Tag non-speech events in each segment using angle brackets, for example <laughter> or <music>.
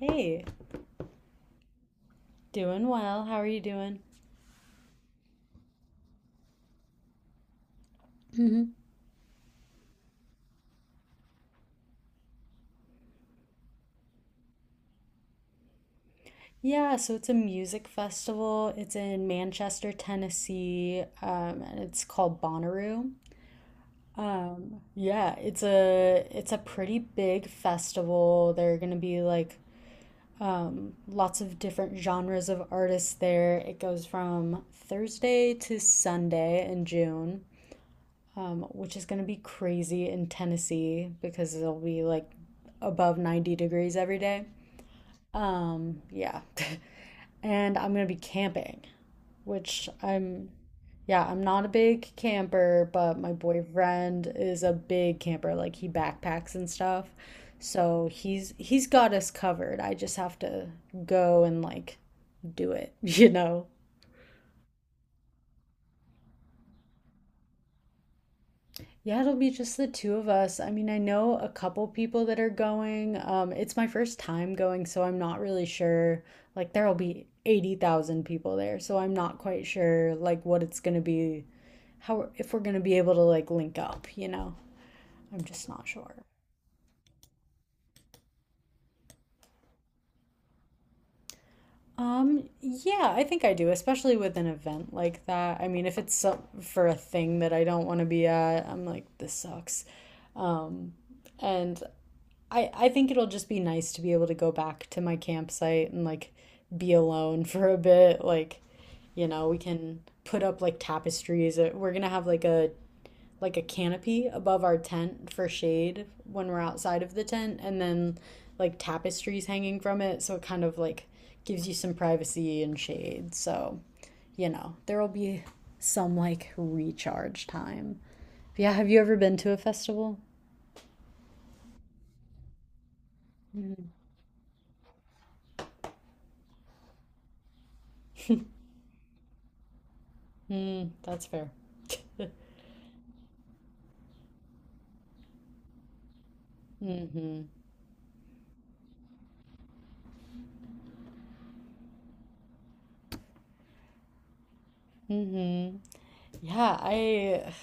Hey, doing well. How are you doing? Hmm. Yeah, so it's a music festival. It's in Manchester, Tennessee, and it's called Bonnaroo. Yeah, it's a pretty big festival. There are gonna be like lots of different genres of artists there. It goes from Thursday to Sunday in June, which is gonna be crazy in Tennessee because it'll be like above 90 degrees every day. Um, yeah. <laughs> And I'm gonna be camping, which I'm Yeah, I'm not a big camper, but my boyfriend is a big camper. Like, he backpacks and stuff. So he's got us covered. I just have to go and like do it, <laughs> you know. Yeah, it'll be just the two of us. I mean, I know a couple people that are going. It's my first time going, so I'm not really sure. Like, there'll be 80,000 people there, so I'm not quite sure, like, what it's gonna be how if we're gonna be able to like link up, you know? I'm just not sure. Yeah, I think I do, especially with an event like that. I mean, if it's for a thing that I don't want to be at, I'm like, this sucks. Um, and I think it'll just be nice to be able to go back to my campsite and like be alone <laughs> for a bit. Like, you know, we can put up like tapestries. We're gonna have like a canopy above our tent for shade when we're outside of the tent, and then like tapestries hanging from it, so it kind of like gives you some privacy and shade, so you know there will be some like recharge time. But yeah, have you ever been to a festival? <laughs> Mm, that's fair. <laughs> Mm-hmm. Mm-hmm. Yeah, I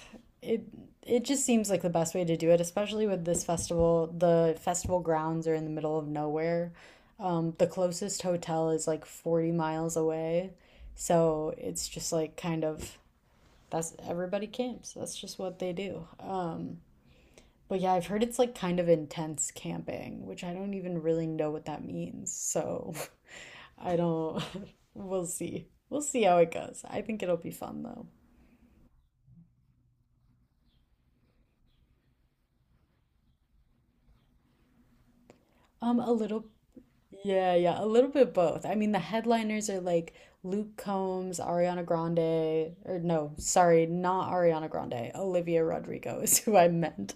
it it just seems like the best way to do it, especially with this festival. The festival grounds are in the middle of nowhere. The closest hotel is like 40 miles away. So it's just like kind of that's everybody camps. That's just what they do. But yeah, I've heard it's like kind of intense camping, which I don't even really know what that means. So <laughs> I don't, <laughs> we'll see. We'll see how it goes. I think it'll be fun though. A little. Yeah, yeah, a little bit both. I mean, the headliners are like Luke Combs, Ariana Grande, or no, sorry, not Ariana Grande. Olivia Rodrigo is <laughs> who I meant.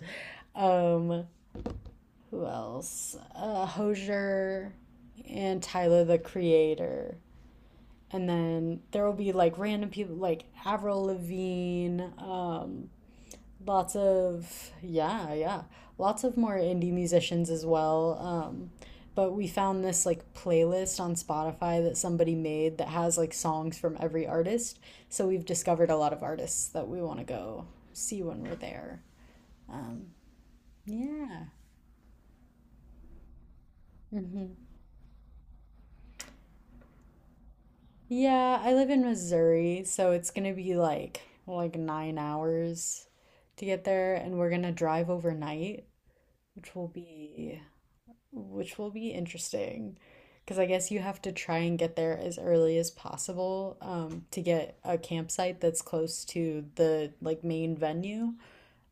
Um, who else? Hozier and Tyler the Creator. And then there will be like random people like Avril Lavigne. Lots of, yeah, yeah. Lots of more indie musicians as well. But we found this like playlist on Spotify that somebody made that has like songs from every artist. So we've discovered a lot of artists that we want to go see when we're there. Um, yeah. Hmm. Yeah, I live in Missouri, so it's gonna be like 9 hours to get there, and we're gonna drive overnight, which will be interesting because I guess you have to try and get there as early as possible to get a campsite that's close to the like main venue.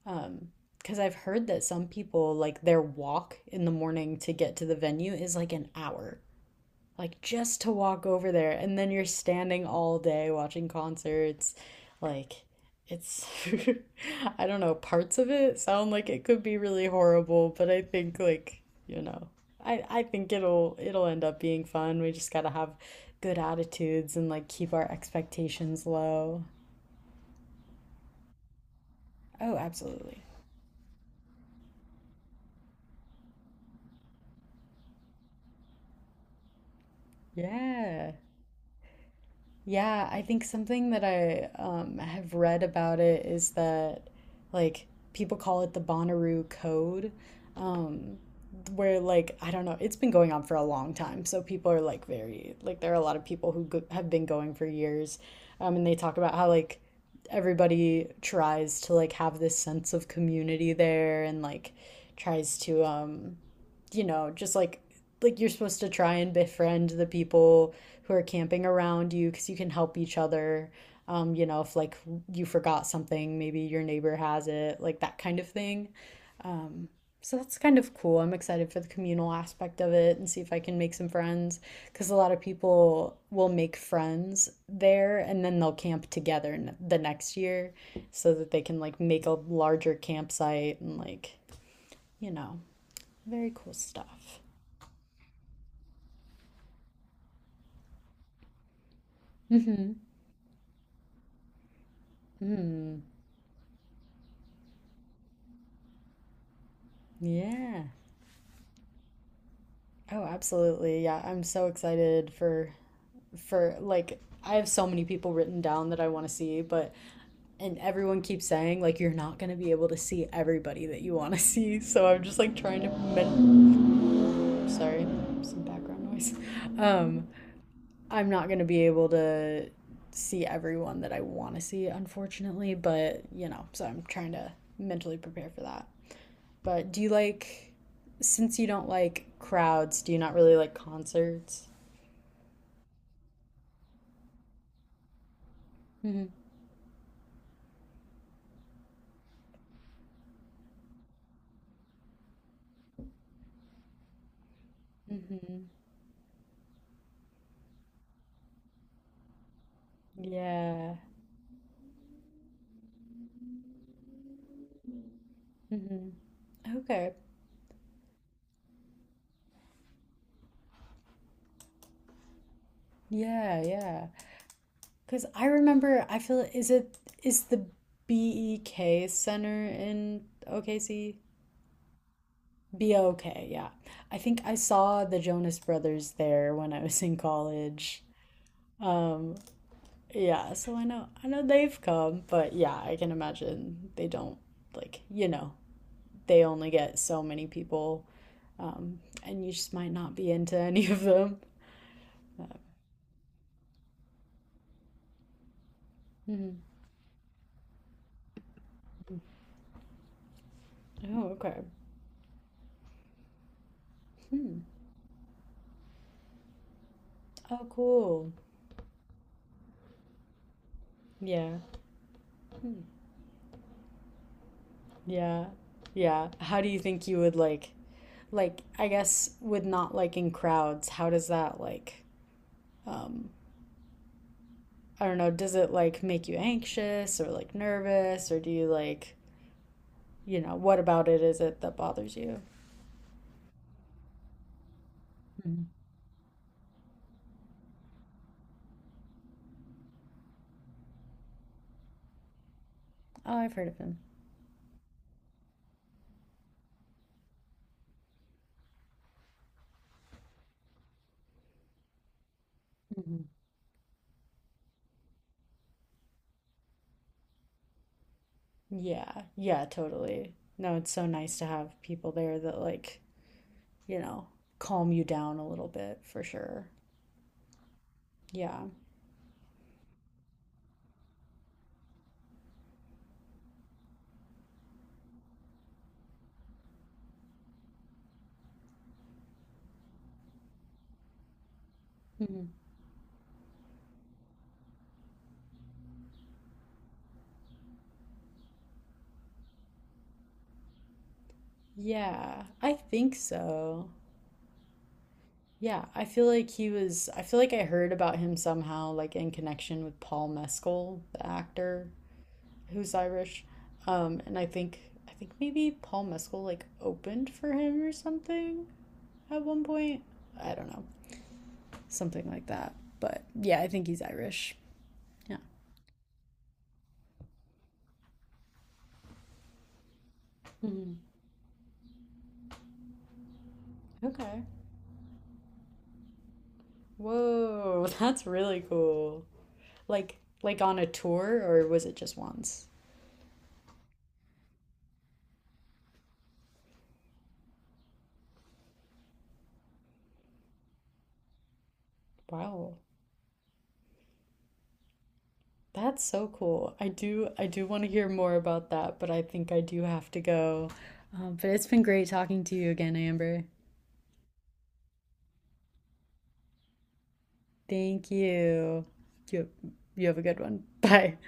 Um, because I've heard that some people like their walk in the morning to get to the venue is like an hour, like just to walk over there, and then you're standing all day watching concerts like it's <laughs> I don't know, parts of it sound like it could be really horrible, but I think like, you know, I think it'll end up being fun. We just got to have good attitudes and like keep our expectations low. Oh, absolutely. Yeah. Yeah, I think something that I have read about it is that, like, people call it the Bonnaroo Code, um, where, like, I don't know, it's been going on for a long time. So people are, like, very, like, there are a lot of people who have been going for years. And they talk about how, like, everybody tries to, like, have this sense of community there, and, like, tries to, you know, just like you're supposed to try and befriend the people who are camping around you because you can help each other. You know, if like you forgot something, maybe your neighbor has it, like that kind of thing. So that's kind of cool. I'm excited for the communal aspect of it and see if I can make some friends because a lot of people will make friends there, and then they'll camp together the next year so that they can like make a larger campsite, and like, you know, very cool stuff. Mm-hmm. Hmm. Yeah. Oh, absolutely. Yeah, I'm so excited for like I have so many people written down that I want to see, but and everyone keeps saying like you're not going to be able to see everybody that you want to <laughs> see. So I'm just like trying to sorry, some background noise. Um, I'm not going to be able to see everyone that I want to see, unfortunately, but you know, so I'm trying to mentally prepare for that. But do you like, since you don't like crowds, do you not really like concerts? Hmm. Hmm. Yeah. Hmm. Okay. Yeah, yeah. Because I remember, I feel, is the BEK Center in OKC? BOK, yeah. I think I saw the Jonas Brothers there when I was in college. Um, yeah, so I know they've come, but yeah, I can imagine they don't like, you know, they only get so many people, and you just might not be into <laughs> any of them. Uh, hmm. Oh, okay. Hmm. Oh, cool. Yeah. Hmm. Yeah. Yeah. How do you think you would like, I guess with not liking crowds, how does that like, um, I don't know, does it like make you anxious or like nervous or do you like, you know, what about it is it that bothers you? Mhm. Oh, I've heard of him. Mhm. Yeah, yeah, totally. No, it's so nice to have people there that like, you know, calm you down a little bit for sure. Yeah. Mhm. Yeah, I think so. Yeah, I feel like he was, I feel like I heard about him somehow, like in connection with Paul Mescal, the actor who's Irish. And I think maybe Paul Mescal like opened for him or something at one point. I don't know, something like that. But yeah, I think he's Irish. Yeah. Okay. Whoa, <laughs> that's really cool. Like on a tour or was it just once? Wow. That's so cool. I do want to hear more about that, but I think I do have to go. But it's been great talking to you again, Amber. Thank you. You you have a good one. <laughs> Bye.